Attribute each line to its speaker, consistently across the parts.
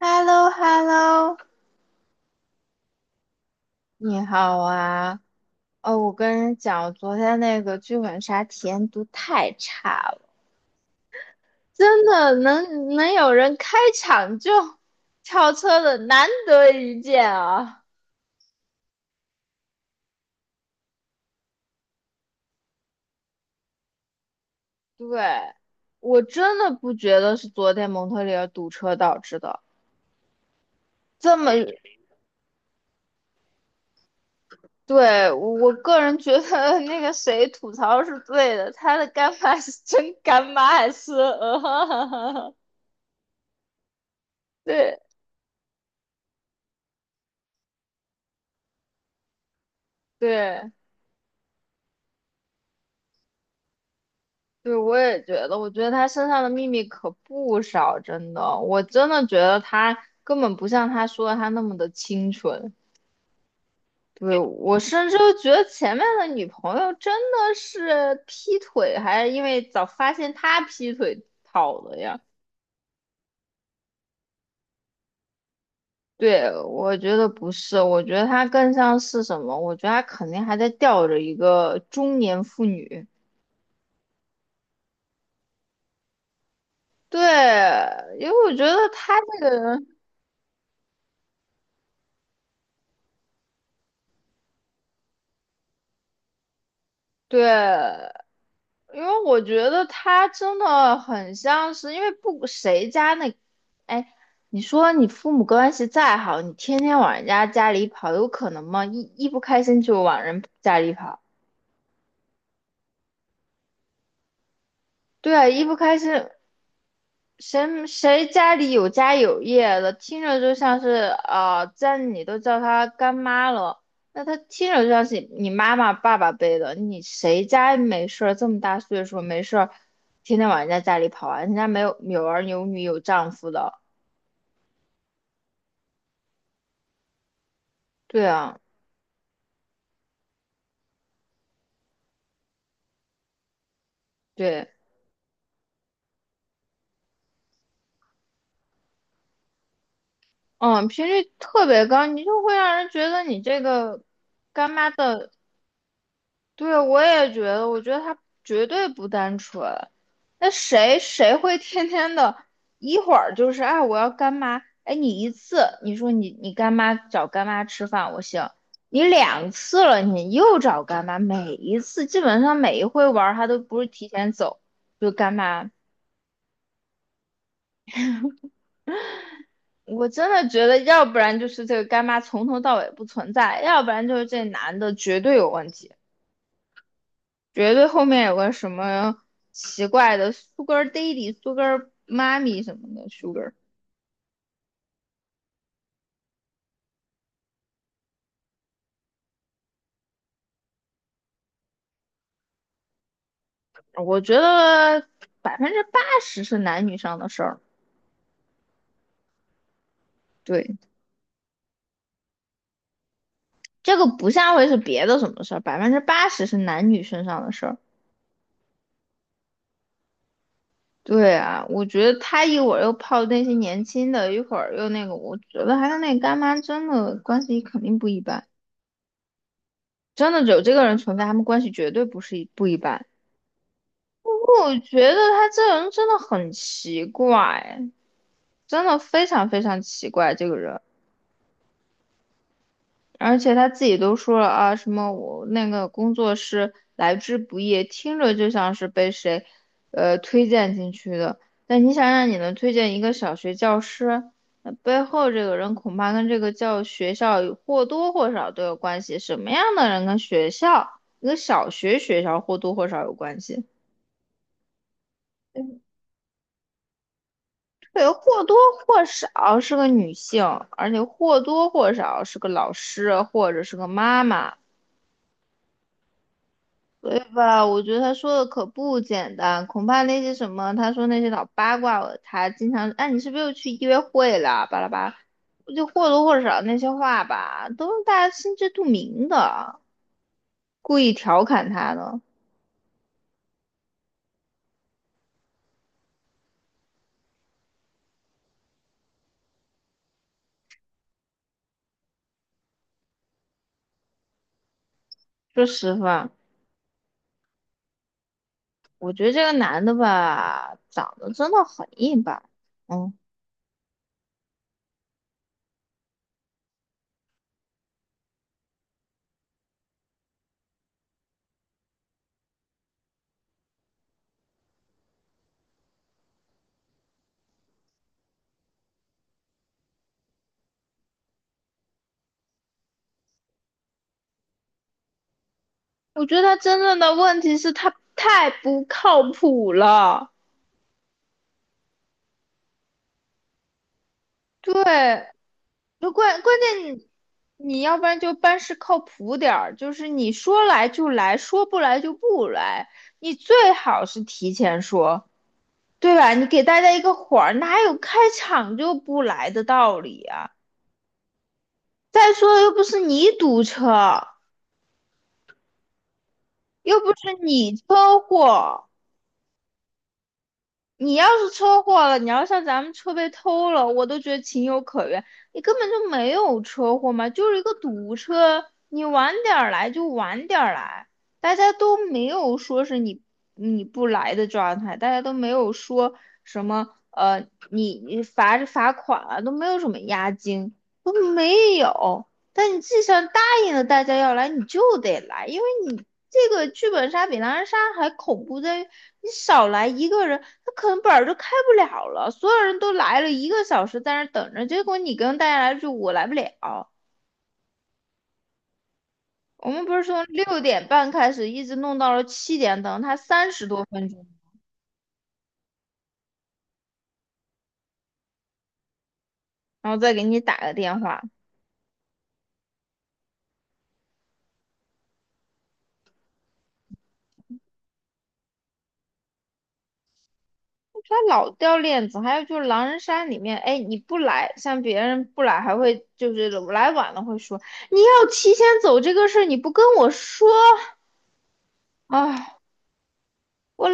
Speaker 1: h e l l o h e l l o 你好啊！哦，我跟你讲，我昨天那个剧本杀体验度太差了，真的能有人开场就跳车的，难得一见啊！对，我真的不觉得是昨天蒙特利尔堵车导致的，这么，对，我个人觉得那个谁吐槽是对的，他的干妈是真干妈还是，对对。对，我也觉得，我觉得他身上的秘密可不少，真的，我真的觉得他根本不像他说的他那么的清纯。对，我甚至都觉得前面的女朋友真的是劈腿，还是因为早发现他劈腿跑了呀？对，我觉得不是，我觉得他更像是什么？我觉得他肯定还在吊着一个中年妇女。对，因为我觉得他这个人，对，因为我觉得他真的很像是，因为不谁家那，哎，你说你父母关系再好，你天天往人家家里跑，有可能吗？一不开心就往人家里跑，对啊，一不开心，谁家里有家有业的，听着就像是啊，家里你都叫她干妈了，那她听着就像是你妈妈爸爸辈的。你谁家没事儿这么大岁数没事儿，天天往人家家里跑啊？人家没有有儿有女有丈夫的，对啊，对，嗯，频率特别高，你就会让人觉得你这个干妈的。对，我也觉得，我觉得他绝对不单纯。那谁会天天的，一会儿就是哎，我要干妈，哎，你一次，你说你干妈找干妈吃饭，我行，你两次了，你又找干妈，每一次基本上每一回玩儿，他都不是提前走，就干妈。我真的觉得，要不然就是这个干妈从头到尾不存在，要不然就是这男的绝对有问题。绝对后面有个什么奇怪的 Sugar Daddy、Sugar mommy 什么的 Sugar，我觉得百分之八十是男女上的事儿。对，这个不像会是别的什么事儿，百分之八十是男女身上的事儿。对啊，我觉得他一会儿又泡那些年轻的，一会儿又那个，我觉得还有那个干妈真的关系肯定不一般，真的有这个人存在，他们关系绝对不是不一般。我觉得他这人真的很奇怪，真的非常非常奇怪这个人，而且他自己都说了啊，什么我那个工作是来之不易，听着就像是被谁，推荐进去的。但你想让你能推荐一个小学教师，那背后这个人恐怕跟这个教学校有或多或少都有关系。什么样的人跟学校，一个小学学校或多或少有关系？对，或多或少是个女性，而且或多或少是个老师或者是个妈妈，对吧？我觉得他说的可不简单，恐怕那些什么，他说那些老八卦，他经常，哎，你是不是又去约会了？巴拉巴拉就或多或少那些话吧，都是大家心知肚明的，故意调侃他的。说实话，我觉得这个男的吧，长得真的很一般，嗯。我觉得他真正的问题是他太不靠谱了。对，就关键你要不然就办事靠谱点儿，就是你说来就来，说不来就不来，你最好是提前说，对吧？你给大家一个缓儿，哪有开场就不来的道理啊？再说又不是你堵车，又不是你车祸。你要是车祸了，你要像咱们车被偷了，我都觉得情有可原。你根本就没有车祸嘛，就是一个堵车，你晚点儿来就晚点儿来，大家都没有说是你不来的状态，大家都没有说什么你罚是罚款啊，都没有什么押金，都没有。但你既然答应了大家要来，你就得来，因为你这个剧本杀比狼人杀还恐怖在于，你少来一个人，他可能本儿就开不了了。所有人都来了一个小时在那儿等着，结果你跟大家来说我来不了。我们不是从6:30开始，一直弄到了七点，等他30多分钟，然后再给你打个电话。他老掉链子，还有就是狼人杀里面，哎，你不来，像别人不来，还会就是来晚了会说你要提前走这个事儿，你不跟我说啊。我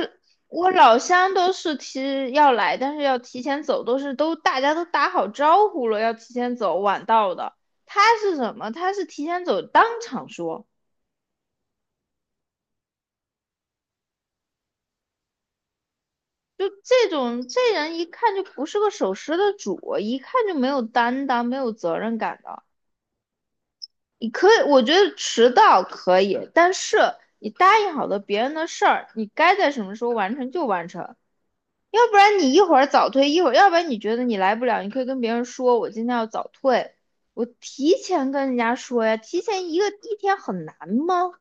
Speaker 1: 我老乡都是提要来，但是要提前走，都是都大家都打好招呼了，要提前走，晚到的。他是什么？他是提前走，当场说，就这种这人一看就不是个守时的主，一看就没有担当、没有责任感的。你可以，我觉得迟到可以，但是你答应好的别人的事儿，你该在什么时候完成就完成。要不然你一会儿早退，一会儿，要不然你觉得你来不了，你可以跟别人说，我今天要早退，我提前跟人家说呀，提前一天很难吗？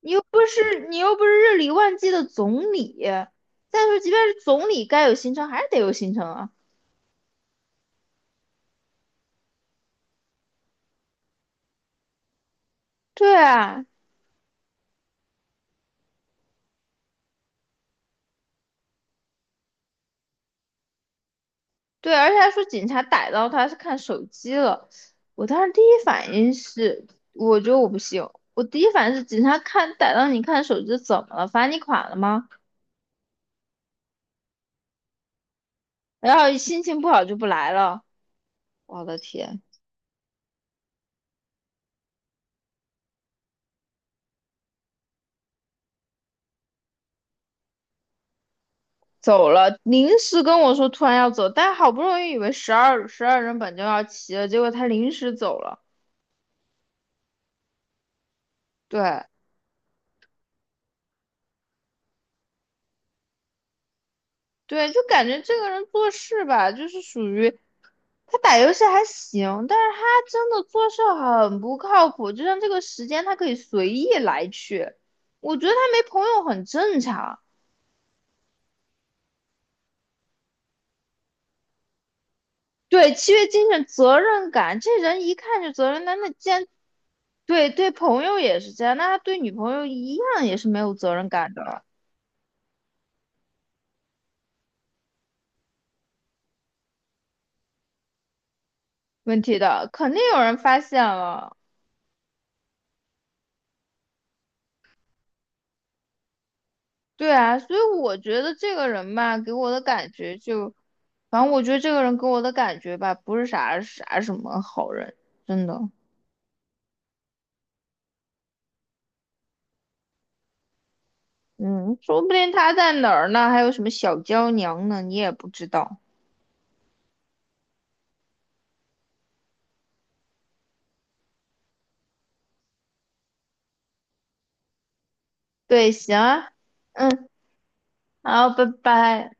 Speaker 1: 你又不是你又不是日理万机的总理，再说即便是总理，该有行程还是得有行程啊。对啊，对，而且还说警察逮到他是看手机了，我当时第一反应是，我觉得我不行，我第一反应是警察看逮到你看手机怎么了，罚你款了吗？然后心情不好就不来了。我的天，走了，临时跟我说突然要走，但好不容易以为十二人本就要齐了，结果他临时走了。对对，就感觉这个人做事吧，就是属于他打游戏还行，但是他真的做事很不靠谱，就像这个时间他可以随意来去，我觉得他没朋友很正常。对，契约精神、责任感，这人一看就责任那既然对，对朋友也是这样，那他对女朋友一样也是没有责任感的。问题的，肯定有人发现了。对啊，所以我觉得这个人吧，给我的感觉就，反正我觉得这个人给我的感觉吧，不是什么好人，真的。嗯，说不定他在哪儿呢，还有什么小娇娘呢，你也不知道。对，行啊，好，拜拜。